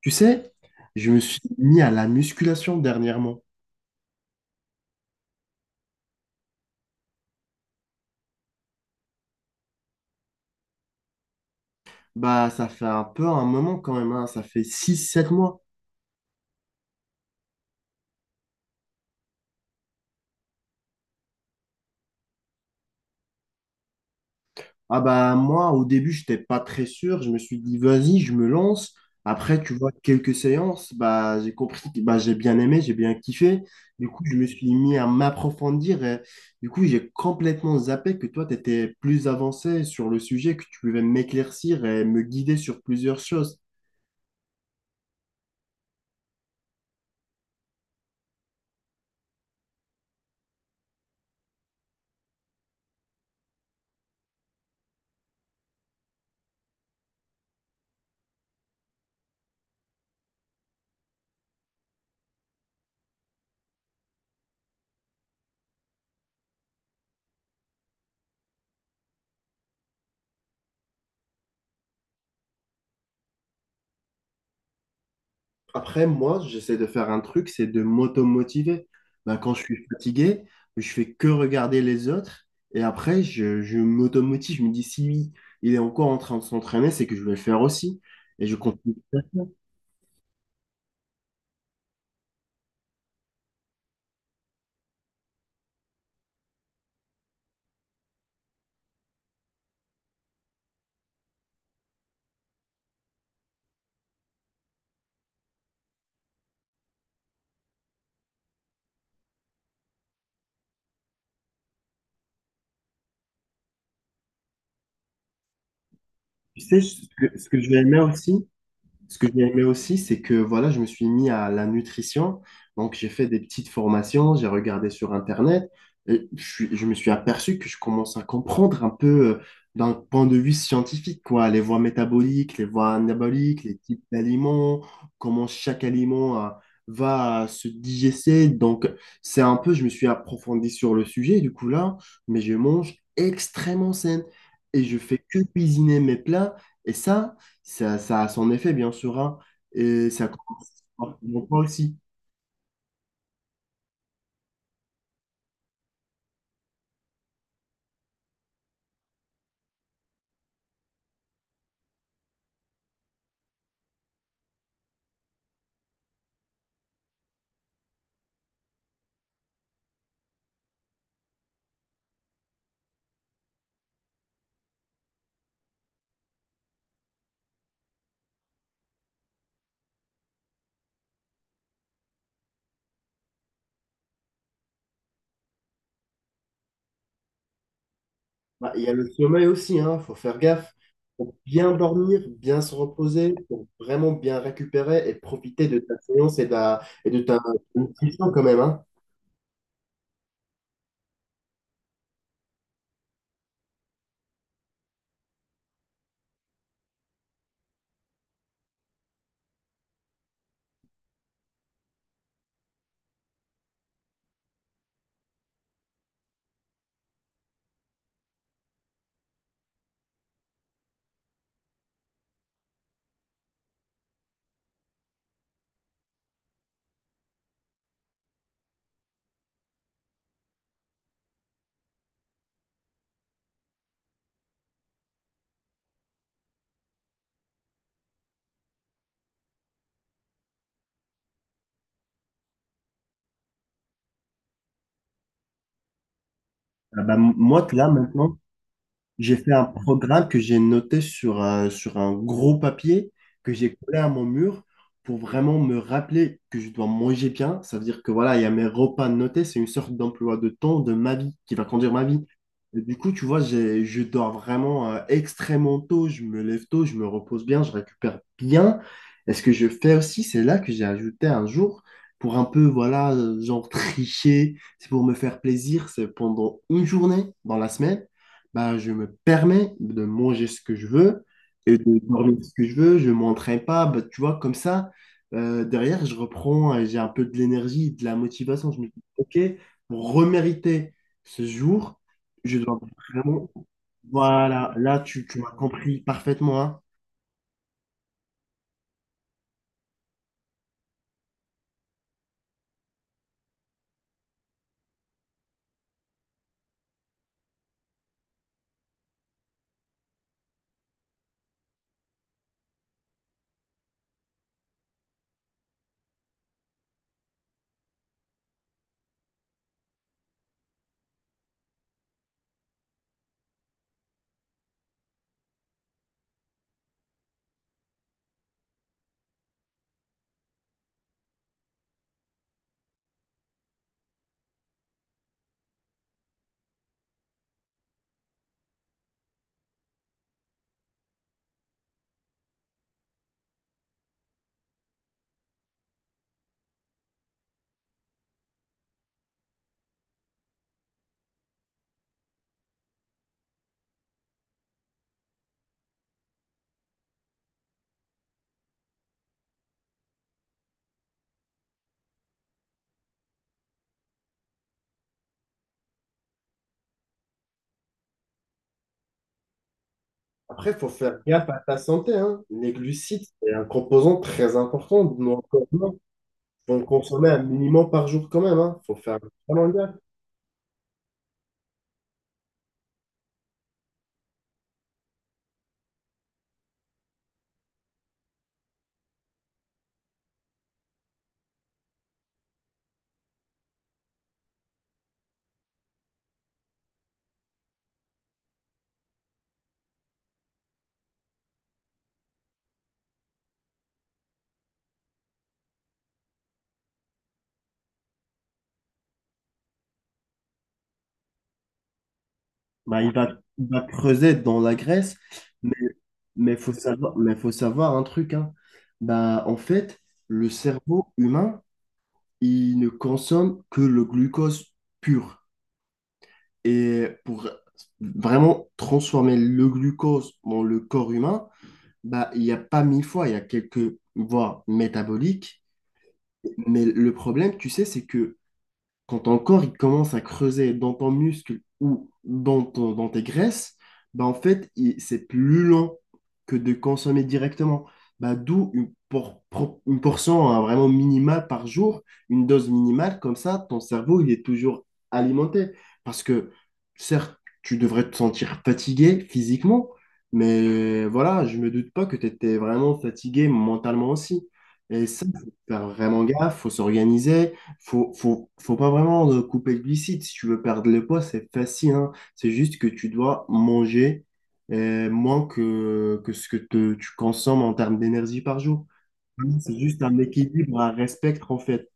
Tu sais, je me suis mis à la musculation dernièrement. Bah, ça fait un peu un moment quand même, hein. Ça fait 6, 7 mois. Ah bah moi, au début, j'étais pas très sûr. Je me suis dit, vas-y, je me lance. Après, tu vois, quelques séances, bah, j'ai compris que bah, j'ai bien aimé, j'ai bien kiffé. Du coup, je me suis mis à m'approfondir, et du coup, j'ai complètement zappé que toi, tu étais plus avancé sur le sujet, que tu pouvais m'éclaircir et me guider sur plusieurs choses. Après, moi, j'essaie de faire un truc, c'est de m'auto-motiver. Bah, quand je suis fatigué, je fais que regarder les autres et après, je m'auto-motive. Je me dis, si lui, il est encore en train de s'entraîner, c'est que je vais le faire aussi. Et je continue. Tu sais, ce que j'ai aimé aussi, c'est que voilà, je me suis mis à la nutrition. Donc, j'ai fait des petites formations, j'ai regardé sur Internet et je me suis aperçu que je commence à comprendre un peu euh, d'un point de vue scientifique, quoi, les voies métaboliques, les voies anaboliques, les types d'aliments, comment chaque aliment va se digester. Donc, c'est un peu, je me suis approfondi sur le sujet, du coup, là, mais je mange extrêmement sain et je fais que cuisiner mes plats. Et ça a son effet, bien sûr, hein. Et ça commence forcément pas aussi. Bah, il y a le sommeil aussi, hein. Faut faire gaffe. Pour bien dormir, bien se reposer, pour vraiment bien récupérer et profiter de ta séance et de ta nutrition quand même, hein. Ah bah, moi, là, maintenant, j'ai fait un programme que j'ai noté sur un gros papier que j'ai collé à mon mur pour vraiment me rappeler que je dois manger bien. Ça veut dire que voilà, il y a mes repas notés. C'est une sorte d'emploi de temps de ma vie qui va conduire ma vie. Et du coup, tu vois, je dors vraiment extrêmement tôt. Je me lève tôt, je me repose bien, je récupère bien. Et ce que je fais aussi, c'est là que j'ai ajouté un jour pour un peu, voilà, genre tricher. C'est pour me faire plaisir. C'est pendant une journée dans la semaine bah, je me permets de manger ce que je veux et de dormir ce que je veux, je m'entraîne pas, bah, tu vois, comme ça, derrière, je reprends, et j'ai un peu de l'énergie, de la motivation. Je me dis, OK, pour remériter ce jour, je dois vraiment. Voilà, là, tu m'as compris parfaitement, hein. Après, il faut faire gaffe à ta santé, hein. Les glucides, c'est un composant très important de nos corps. Il faut en consommer un minimum par jour quand même, hein. Faut faire vraiment gaffe. Bah, il va creuser dans la Grèce, mais mais faut savoir un truc, hein. Bah, en fait, le cerveau humain, il ne consomme que le glucose pur. Et pour vraiment transformer le glucose dans le corps humain, bah, il n'y a pas mille fois, il y a quelques voies métaboliques. Mais le problème, tu sais, c'est que quand ton corps il commence à creuser dans ton muscle ou dans tes graisses, bah en fait, c'est plus lent que de consommer directement. Bah, d'où une portion hein, vraiment minimale par jour, une dose minimale, comme ça, ton cerveau, il est toujours alimenté. Parce que, certes, tu devrais te sentir fatigué physiquement, mais voilà, je me doute pas que tu étais vraiment fatigué mentalement aussi. Et ça, faut faire vraiment gaffe, faut s'organiser, faut pas vraiment couper le glucide. Si tu veux perdre le poids, c'est facile, hein. C'est juste que tu dois manger moins que ce que tu consommes en termes d'énergie par jour. Vraiment, c'est juste un équilibre à respecter en fait.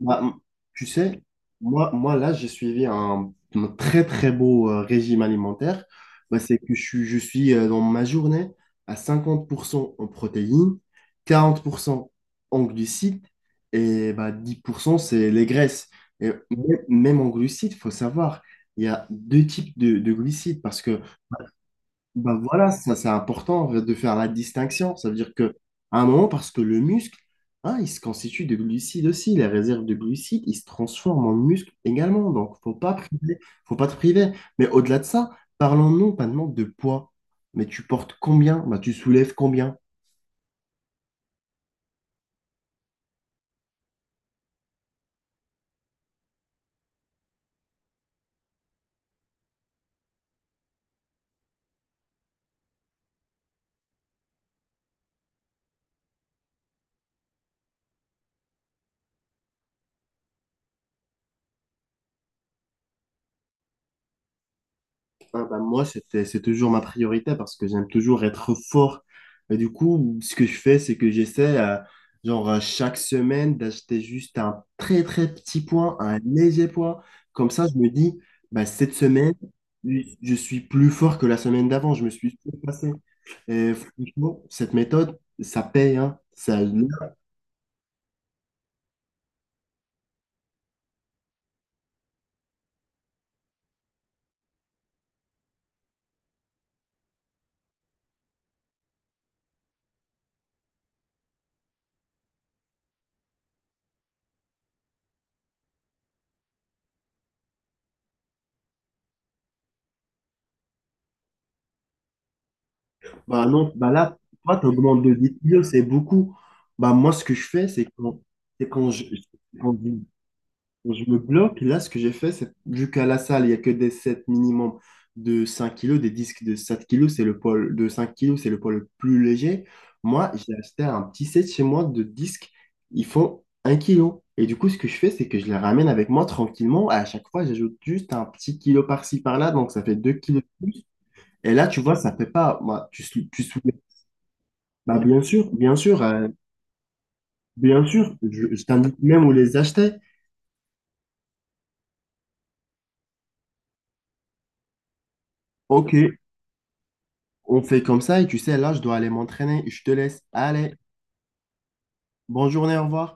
Bah, tu sais, moi là, j'ai suivi un très très beau régime alimentaire. Bah, c'est que je suis dans ma journée à 50% en protéines, 40% en glucides et bah, 10% c'est les graisses. Et même en glucides, il faut savoir, il y a deux types de glucides parce que bah voilà, ça c'est important de faire la distinction. Ça veut dire que à un moment, parce que le muscle, hein, il se constitue de glucides aussi, les réserves de glucides, il se transforme en muscle également. Donc, faut pas priver, faut pas te priver. Mais au-delà de ça, parlons-nous maintenant de poids. Mais tu portes combien? Bah, tu soulèves combien? Ah bah, moi, c'était, c'est toujours ma priorité parce que j'aime toujours être fort. Et du coup, ce que je fais, c'est que j'essaie, genre, chaque semaine, d'acheter juste un très, très petit point, un léger point. Comme ça, je me dis, bah, cette semaine, je suis plus fort que la semaine d'avant. Je me suis surpassé. Et franchement, cette méthode, ça paye, hein. Ça, bah non, bah là, toi, tu augmentes de 10 kilos, c'est beaucoup. Bah moi, ce que je fais, c'est quand, c'est quand, je, quand je me bloque. Là, ce que j'ai fait, c'est vu qu'à la salle, il n'y a que des sets minimum de 5 kilos, des disques de 7 kilos, c'est le poids de 5 kilos, c'est le poids le plus léger. Moi, j'ai acheté un petit set chez moi de disques, ils font 1 kilo. Et du coup, ce que je fais, c'est que je les ramène avec moi tranquillement. À chaque fois, j'ajoute juste un petit kilo par-ci, par-là, donc ça fait 2 kilos de plus. Et là, tu vois, ça fait pas. Moi, tu soulèves. Bah, bien sûr, bien sûr, bien sûr, je t'indique même où les acheter. Ok, on fait comme ça et tu sais, là, je dois aller m'entraîner. Je te laisse. Allez, bonne journée, au revoir.